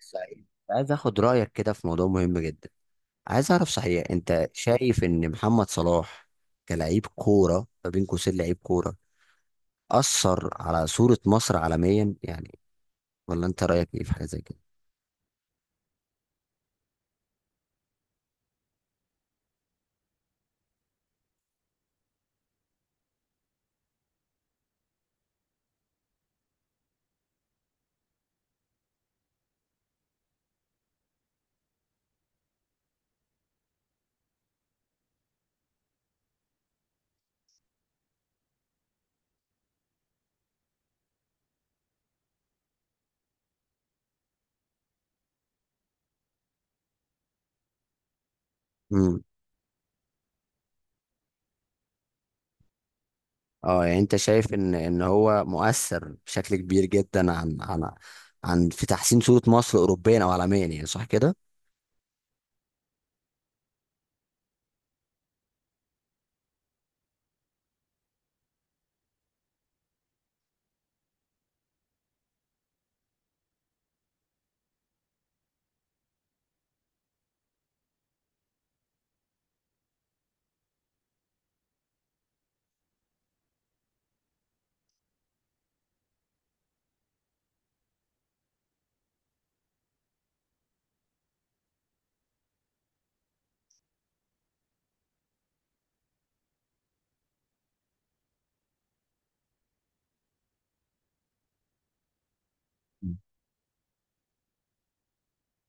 صحيح. عايز اخد رايك كده في موضوع مهم جدا. عايز اعرف صحيح، انت شايف ان محمد صلاح كلاعب كوره، ما بين قوسين لعيب كوره، اثر على صوره مصر عالميا يعني، ولا انت رايك ايه في حاجه زي كده؟ امم. اه يعني انت شايف ان هو مؤثر بشكل كبير جدا عن في تحسين صوره مصر اوروبيا او عالميا يعني، صح كده؟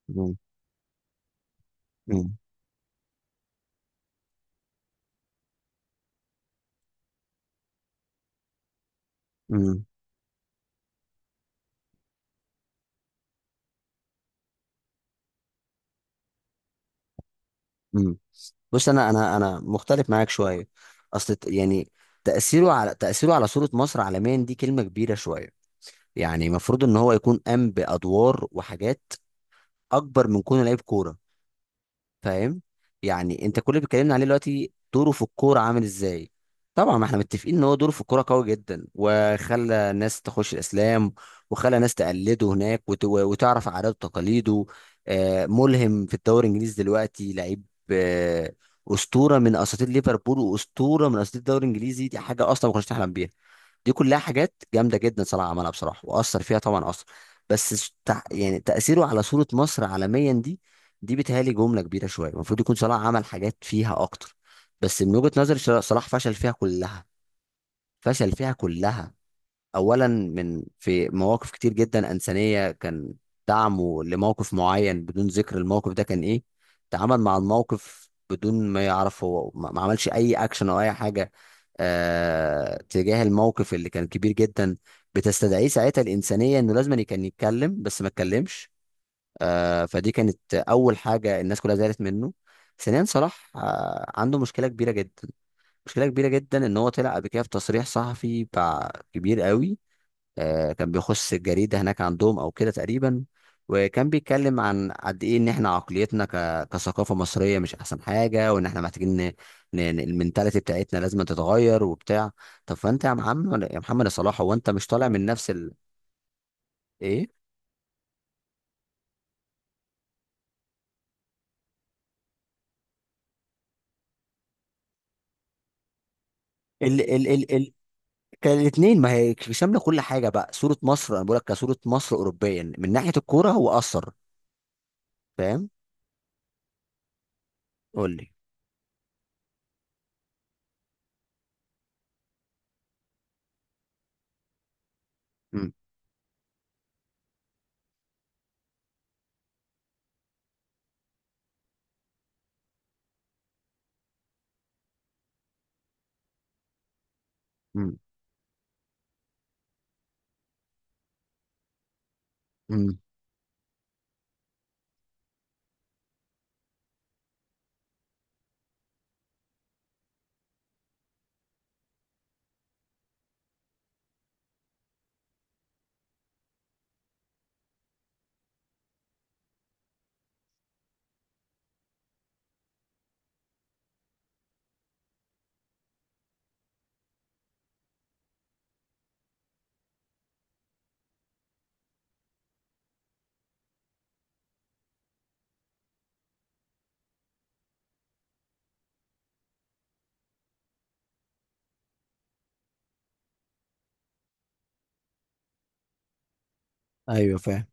امم، امم، امم. بص، انا مختلف معاك شويه. اصل يعني، تاثيره على صوره مصر عالميا، دي كلمه كبيره شويه. يعني المفروض ان هو يكون قام بادوار وحاجات اكبر من كونه لعيب كوره، فاهم؟ يعني انت كل اللي بيتكلمنا عليه دلوقتي دوره في الكوره عامل ازاي. طبعا ما احنا متفقين ان هو دوره في الكوره قوي جدا، وخلى ناس تخش الاسلام، وخلى ناس تقلده هناك، وتعرف عاداته وتقاليده. ملهم في الدوري الانجليزي دلوقتي لعيب. آه، اسطوره من اساطير ليفربول، واسطوره من اساطير الدوري الانجليزي، دي حاجه اصلا ما كناش نحلم بيها. دي كلها حاجات جامده جدا صلاح عملها بصراحه، واثر فيها طبعا اثر. بس يعني، تاثيره على صوره مصر عالميا دي، دي بتهيألي جمله كبيره شويه، المفروض يكون صلاح عمل حاجات فيها اكتر. بس من وجهه نظري، صلاح فشل فيها كلها، فشل فيها كلها. اولا، من في مواقف كتير جدا انسانيه، كان دعمه لموقف معين، بدون ذكر الموقف ده كان ايه، تعامل مع الموقف بدون ما يعرف، هو ما عملش اي اكشن او اي حاجه تجاه الموقف اللي كان كبير جدا، بتستدعيه ساعتها الانسانيه انه لازم كان يتكلم، بس ما اتكلمش. فدي كانت اول حاجه الناس كلها زعلت منه. ثانيا، صلاح عنده مشكله كبيره جدا، مشكله كبيره جدا ان هو طلع قبل كده في تصريح صحفي بتاع كبير قوي. كان بيخش الجريدة هناك عندهم أو كده تقريبا، وكان بيتكلم عن قد إيه إن إحنا عقليتنا كثقافة مصرية مش أحسن حاجة، وإن إحنا محتاجين المنتاليتي بتاعتنا لازم تتغير وبتاع. طب فأنت يا محمد يا صلاح، هو أنت مش طالع من نفس إيه؟ ال ال ال ال الاثنين، ما هي شامله كل حاجه بقى، صوره مصر انا بقول لك، كصوره مصر اوروبيا من ناحيه الكوره هو اثر، فاهم؟ قول لي. امم، امم، امم. ايوه، فاهم،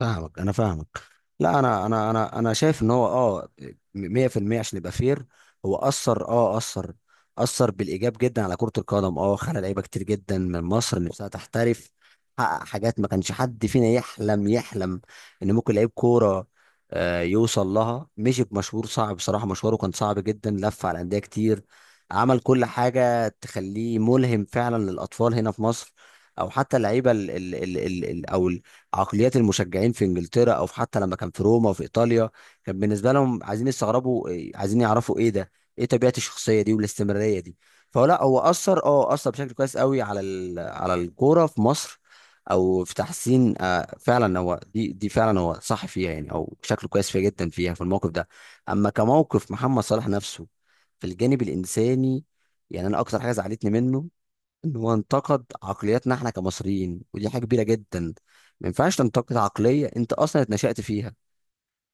فاهمك، انا فاهمك. لا، انا شايف ان هو، 100% عشان يبقى فير، هو اثر، بالايجاب جدا على كرة القدم، خلى لعيبه كتير جدا من مصر نفسها تحترف. حقق حاجات ما كانش حد فينا يحلم ان ممكن لعيب كوره يوصل لها، مشي بمشوار صعب بصراحه، مشواره كان صعب جدا، لف على انديه كتير، عمل كل حاجه تخليه ملهم فعلا للاطفال هنا في مصر، او حتى اللعيبه، ال ال ال ال او عقليات المشجعين في انجلترا، او في، حتى لما كان في روما وفي ايطاليا، كان بالنسبه لهم عايزين يستغربوا، عايزين يعرفوا ايه ده، ايه طبيعه الشخصيه دي والاستمراريه دي. فهو لا، هو اثر، اثر بشكل كويس قوي على على الكوره في مصر، او في تحسين. فعلا هو، دي فعلا، هو صح فيها يعني، او شكله كويس فيها جدا، فيها في الموقف ده. اما كموقف محمد صلاح نفسه في الجانب الانساني، يعني انا اكتر حاجه زعلتني منه، ان هو انتقد عقلياتنا احنا كمصريين، ودي حاجه كبيره جدا. ما ينفعش تنتقد عقليه انت اصلا اتنشأت فيها،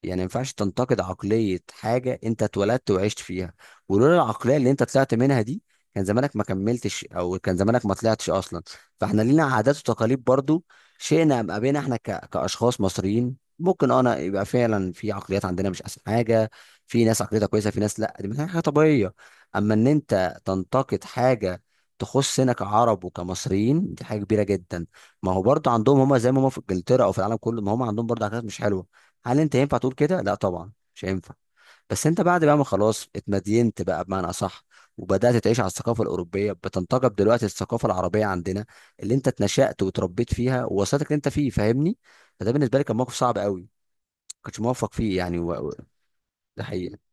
يعني ما ينفعش تنتقد عقلية حاجة انت اتولدت وعشت فيها، ولولا العقلية اللي انت طلعت منها دي كان زمانك ما كملتش، او كان زمانك ما طلعتش اصلا. فاحنا لينا عادات وتقاليد برضو، شئنا ام ابينا، احنا كاشخاص مصريين ممكن، انا يبقى، فعلا في عقليات عندنا مش احسن حاجة، في ناس عقليتها كويسة، في ناس لا، دي من حاجة طبيعية. اما ان انت تنتقد حاجة تخصنا كعرب وكمصريين، دي حاجة كبيرة جدا. ما هو برضو عندهم هما، زي ما هما في انجلترا او في العالم كله، ما هما عندهم برضو عادات مش حلوة. هل انت ينفع تقول كده؟ لا طبعا، مش هينفع. بس انت، بعد بقى ما خلاص اتمدينت بقى، بمعنى اصح، وبدات تعيش على الثقافه الاوروبيه، بتنتقب دلوقتي الثقافه العربيه عندنا، اللي انت اتنشأت وتربيت فيها ووصلتك اللي انت فيه، فاهمني؟ فده بالنسبه لي كان موقف صعب قوي، ما كنتش موفق فيه يعني. ده حقيقه.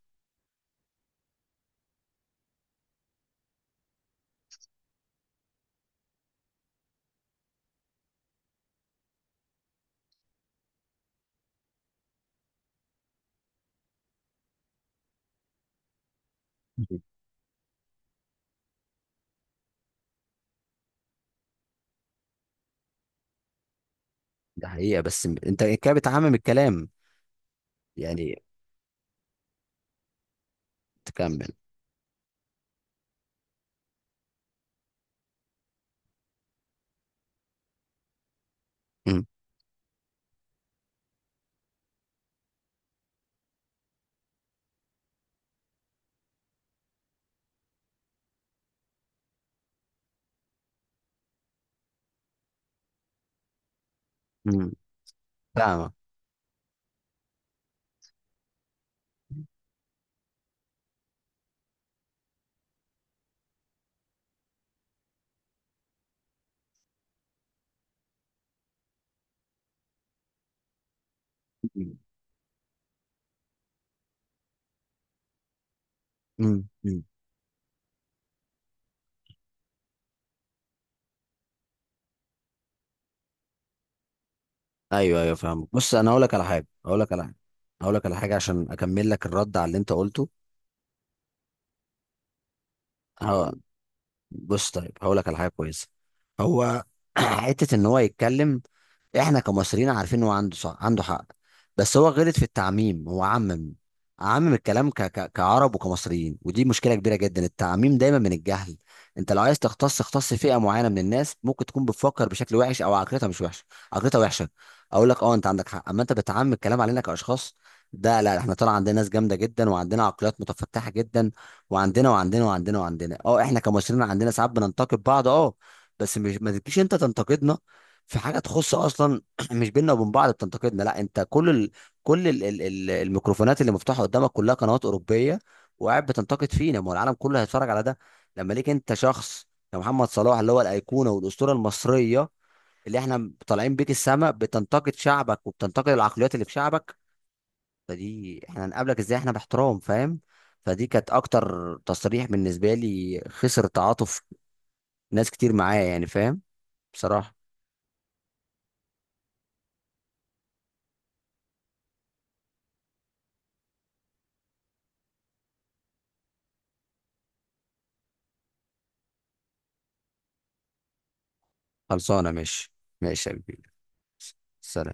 ده حقيقه، بس انت كده بتعمم الكلام. يعني تكمل. امم، امم. فاهمه. امم، امم، امم. ايوه، ايوه، فاهمه. بص، انا هقول لك على حاجه، هقول لك على حاجه، هقول لك على حاجه عشان اكمل لك الرد على اللي انت قلته. اه بص طيب، هقول لك على حاجه كويسه. هو حته ان هو يتكلم، احنا كمصريين عارفين هو عنده صح، عنده حق. بس هو غلط في التعميم، هو عمم، عمم الكلام كعرب وكمصريين، ودي مشكله كبيره جدا، التعميم دايما من الجهل. انت لو عايز تختص، اختص فئه معينه من الناس ممكن تكون بتفكر بشكل وحش، او عقليتها مش وحشه، عقليتها وحشه. اقول لك، انت عندك حق، اما انت بتعمم الكلام علينا كاشخاص، ده لا، احنا طلع عندنا ناس جامده جدا، وعندنا عقليات متفتحه جدا، وعندنا احنا كمصريين عندنا ساعات بننتقد بعض، بس مش، ما تجيش انت تنتقدنا في حاجه تخص اصلا مش بيننا وبين بعض، بتنتقدنا. لا، انت كل الميكروفونات اللي مفتوحه قدامك كلها قنوات اوروبيه، وقاعد بتنتقد فينا، ما هو العالم كله هيتفرج على ده. لما ليك انت شخص يا محمد صلاح، اللي هو الايقونه والاسطوره المصريه اللي احنا طالعين بيك السما، بتنتقد شعبك وبتنتقد العقليات اللي في شعبك، فدي احنا هنقابلك ازاي؟ احنا باحترام، فاهم؟ فدي كانت اكتر تصريح بالنسبه لي خسر تعاطف ناس كتير معايا يعني، فاهم؟ بصراحه. خلصانه، ماشي. ماشي يا كبير. سلام.